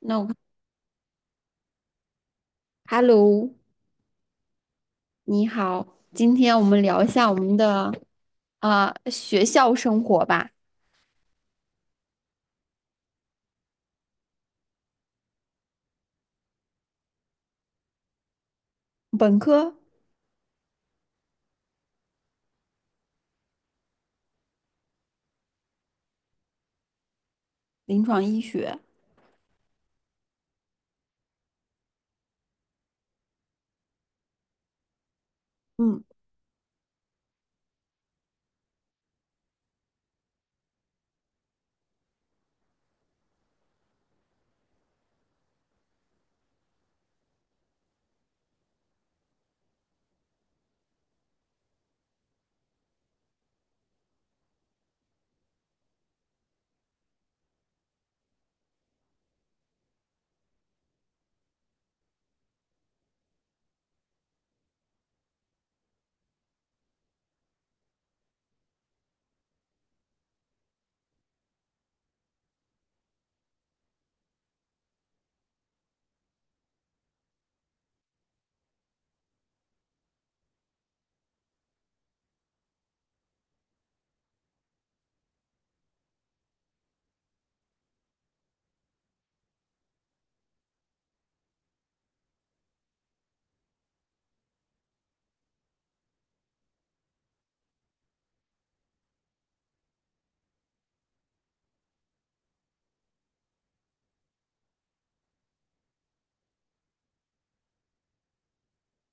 那我看，Hello，你好，今天我们聊一下我们的学校生活吧。本科。临床医学。嗯。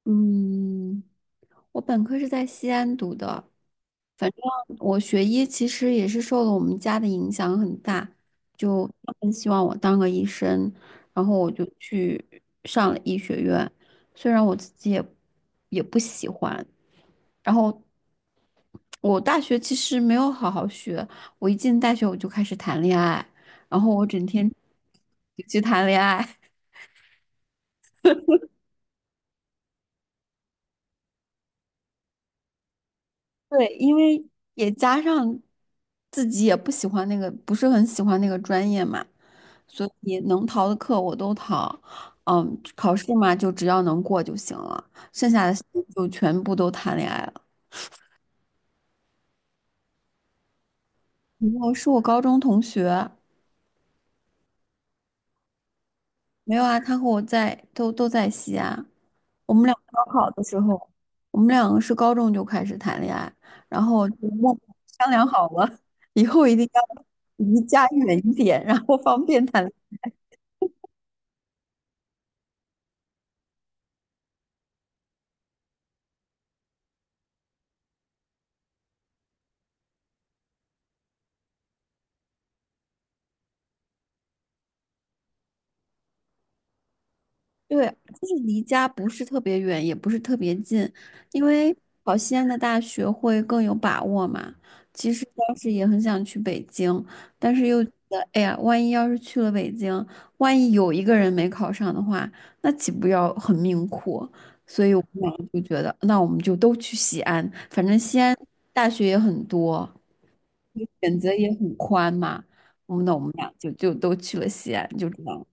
嗯，我本科是在西安读的。我学医其实也是受了我们家的影响很大，就他们希望我当个医生，然后我就去上了医学院。虽然我自己也不喜欢，然后我大学其实没有好好学，我一进大学我就开始谈恋爱，然后我整天去谈恋爱。对，因为也加上自己也不喜欢那个，不是很喜欢那个专业嘛，所以能逃的课我都逃。嗯，考试嘛，就只要能过就行了，剩下的时间就全部都谈恋爱了。然后是我高中同学。没有啊，他和我都在西安。我们俩高考的时候，我们两个是高中就开始谈恋爱，然后就商量好了，以后一定要离家远一点，然后方便谈。对，就是离家不是特别远，也不是特别近，因为考西安的大学会更有把握嘛。其实当时也很想去北京，但是又觉得，哎呀，万一要是去了北京，万一有一个人没考上的话，那岂不要很命苦？所以我们俩就觉得，那我们就都去西安，反正西安大学也很多，选择也很宽嘛。那我们俩就都去了西安，就这样。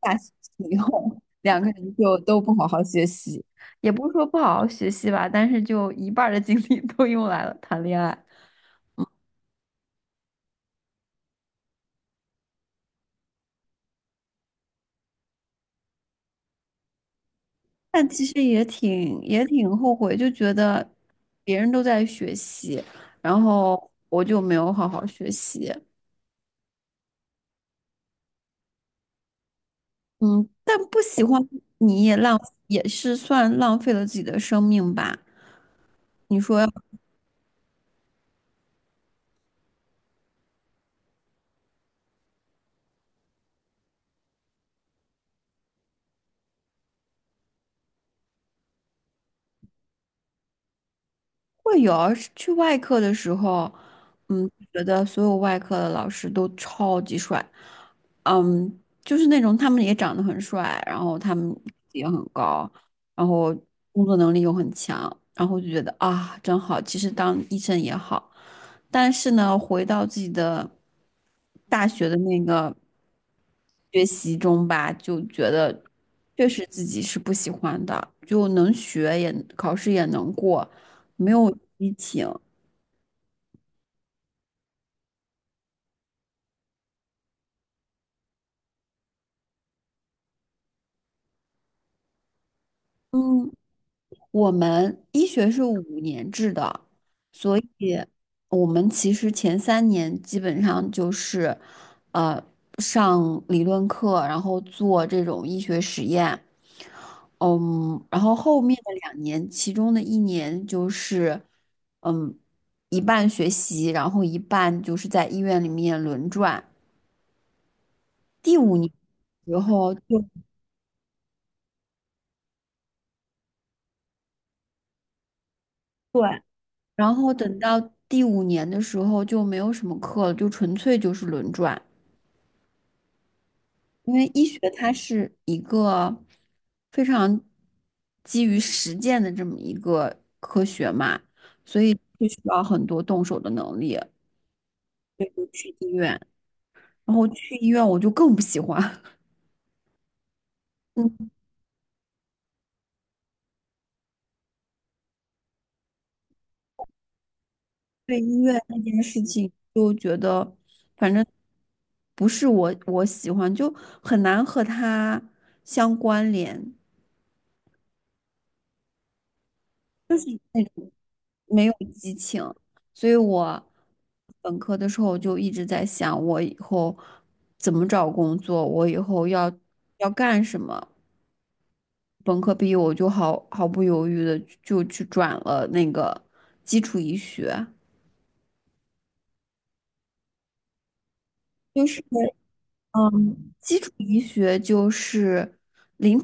大学以后，两个人就都不好好学习，也不是说不好好学习吧，但是就一半儿的精力都用来了谈恋爱。但其实也挺后悔，就觉得别人都在学习，然后我就没有好好学习。嗯，但不喜欢你也浪也是算浪费了自己的生命吧？你说？会有啊，是去外科的时候。嗯，觉得所有外科的老师都超级帅，嗯，就是那种他们也长得很帅，然后他们也很高，然后工作能力又很强，然后就觉得啊，真好。其实当医生也好，但是呢，回到自己的大学的那个学习中吧，就觉得确实自己是不喜欢的，就能学，也考试也能过。没有激情。嗯，我们医学是五年制的，所以我们其实前三年基本上就是，呃，上理论课，然后做这种医学实验。嗯，然后后面的两年，其中的一年就是，嗯，一半学习，然后一半就是在医院里面轮转。第五年的时候。对，然后等到第五年的时候就没有什么课了，就纯粹就是轮转。因为医学它是一个非常基于实践的这么一个科学嘛，所以就需要很多动手的能力。去医院，然后去医院我就更不喜欢。嗯，对医院那件事情就觉得，反正不是我喜欢，就很难和它相关联。就是那。没有激情，所以我本科的时候就一直在想，我以后怎么找工作，我以后要干什么。本科毕业我就毫不犹豫的就去转了那个基础医学，就是。嗯，基础医学就是临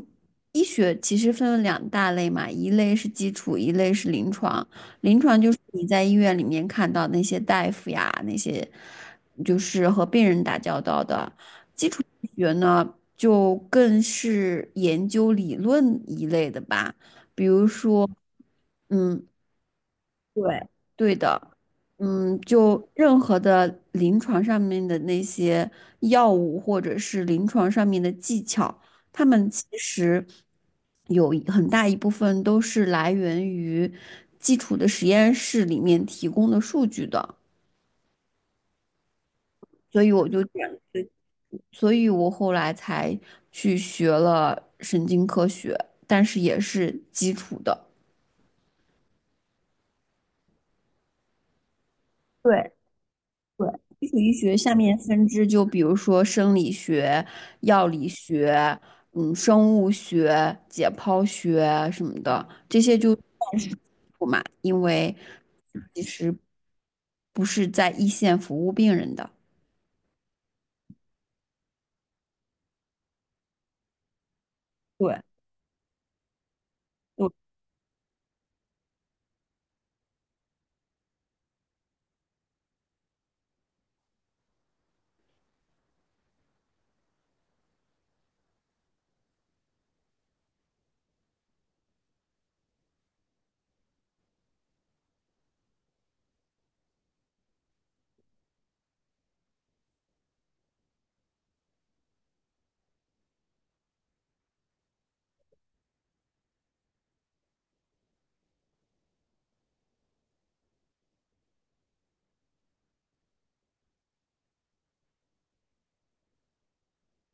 医学，其实分为两大类嘛，一类是基础，一类是临床。临床就是你在医院里面看到那些大夫呀，那些就是和病人打交道的。基础医学呢，就更是研究理论一类的吧，比如说，嗯，对，对的。嗯，就任何的临床上面的那些药物或者是临床上面的技巧，他们其实有很大一部分都是来源于基础的实验室里面提供的数据的，所以我就选，所以我后来才去学了神经科学，但是也是基础的。对。对，基础医学下面分支就比如说生理学、药理学、嗯，生物学、解剖学啊什么的，这些就算是不嘛，因为不是在一线服务病人的。对，我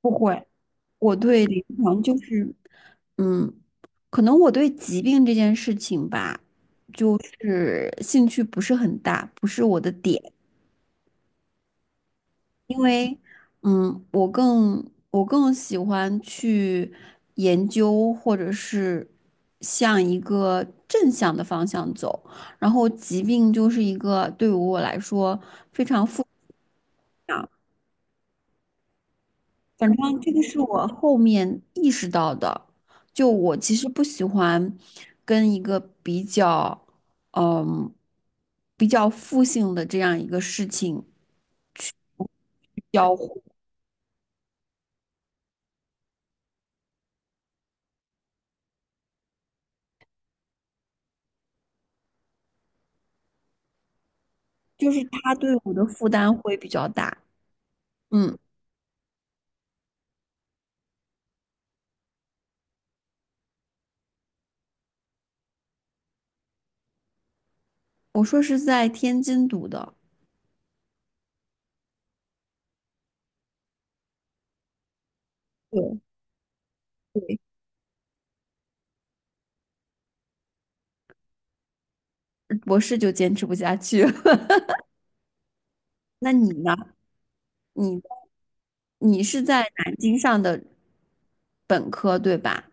不会，我对临床就是，嗯，可能我对疾病这件事情吧，就是兴趣不是很大，不是我的点。嗯，我更喜欢去研究，或者是向一个正向的方向走。然后，疾病就是一个对于我来说非常负，反正这个是我后面意识到的。就我其实不喜欢跟一个比较，嗯，比较负性的这样一个事情交互，就是它对我的负担会比较大。嗯。我说是在天津读的。对对。博士就坚持不下去了。那你呢？你你是在南京上的本科，对吧？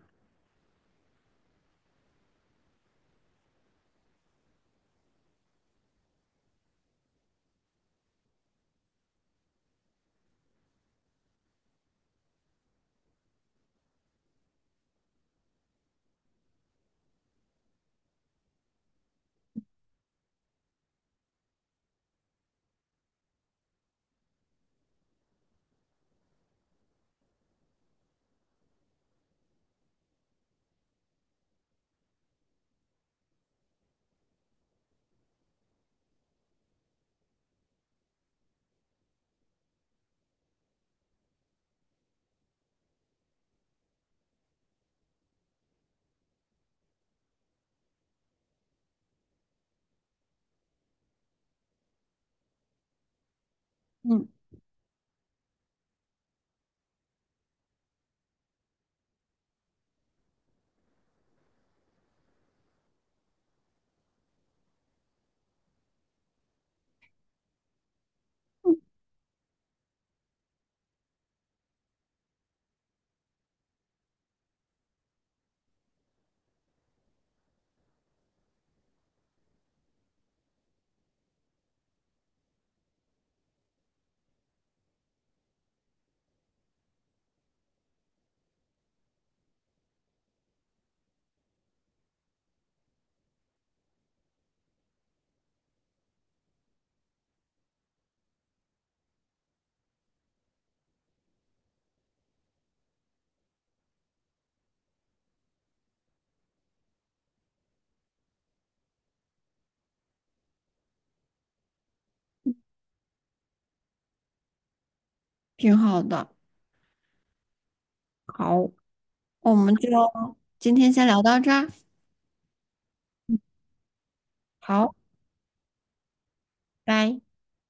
嗯，挺好的。好，我们就今天先聊到这儿。好，拜。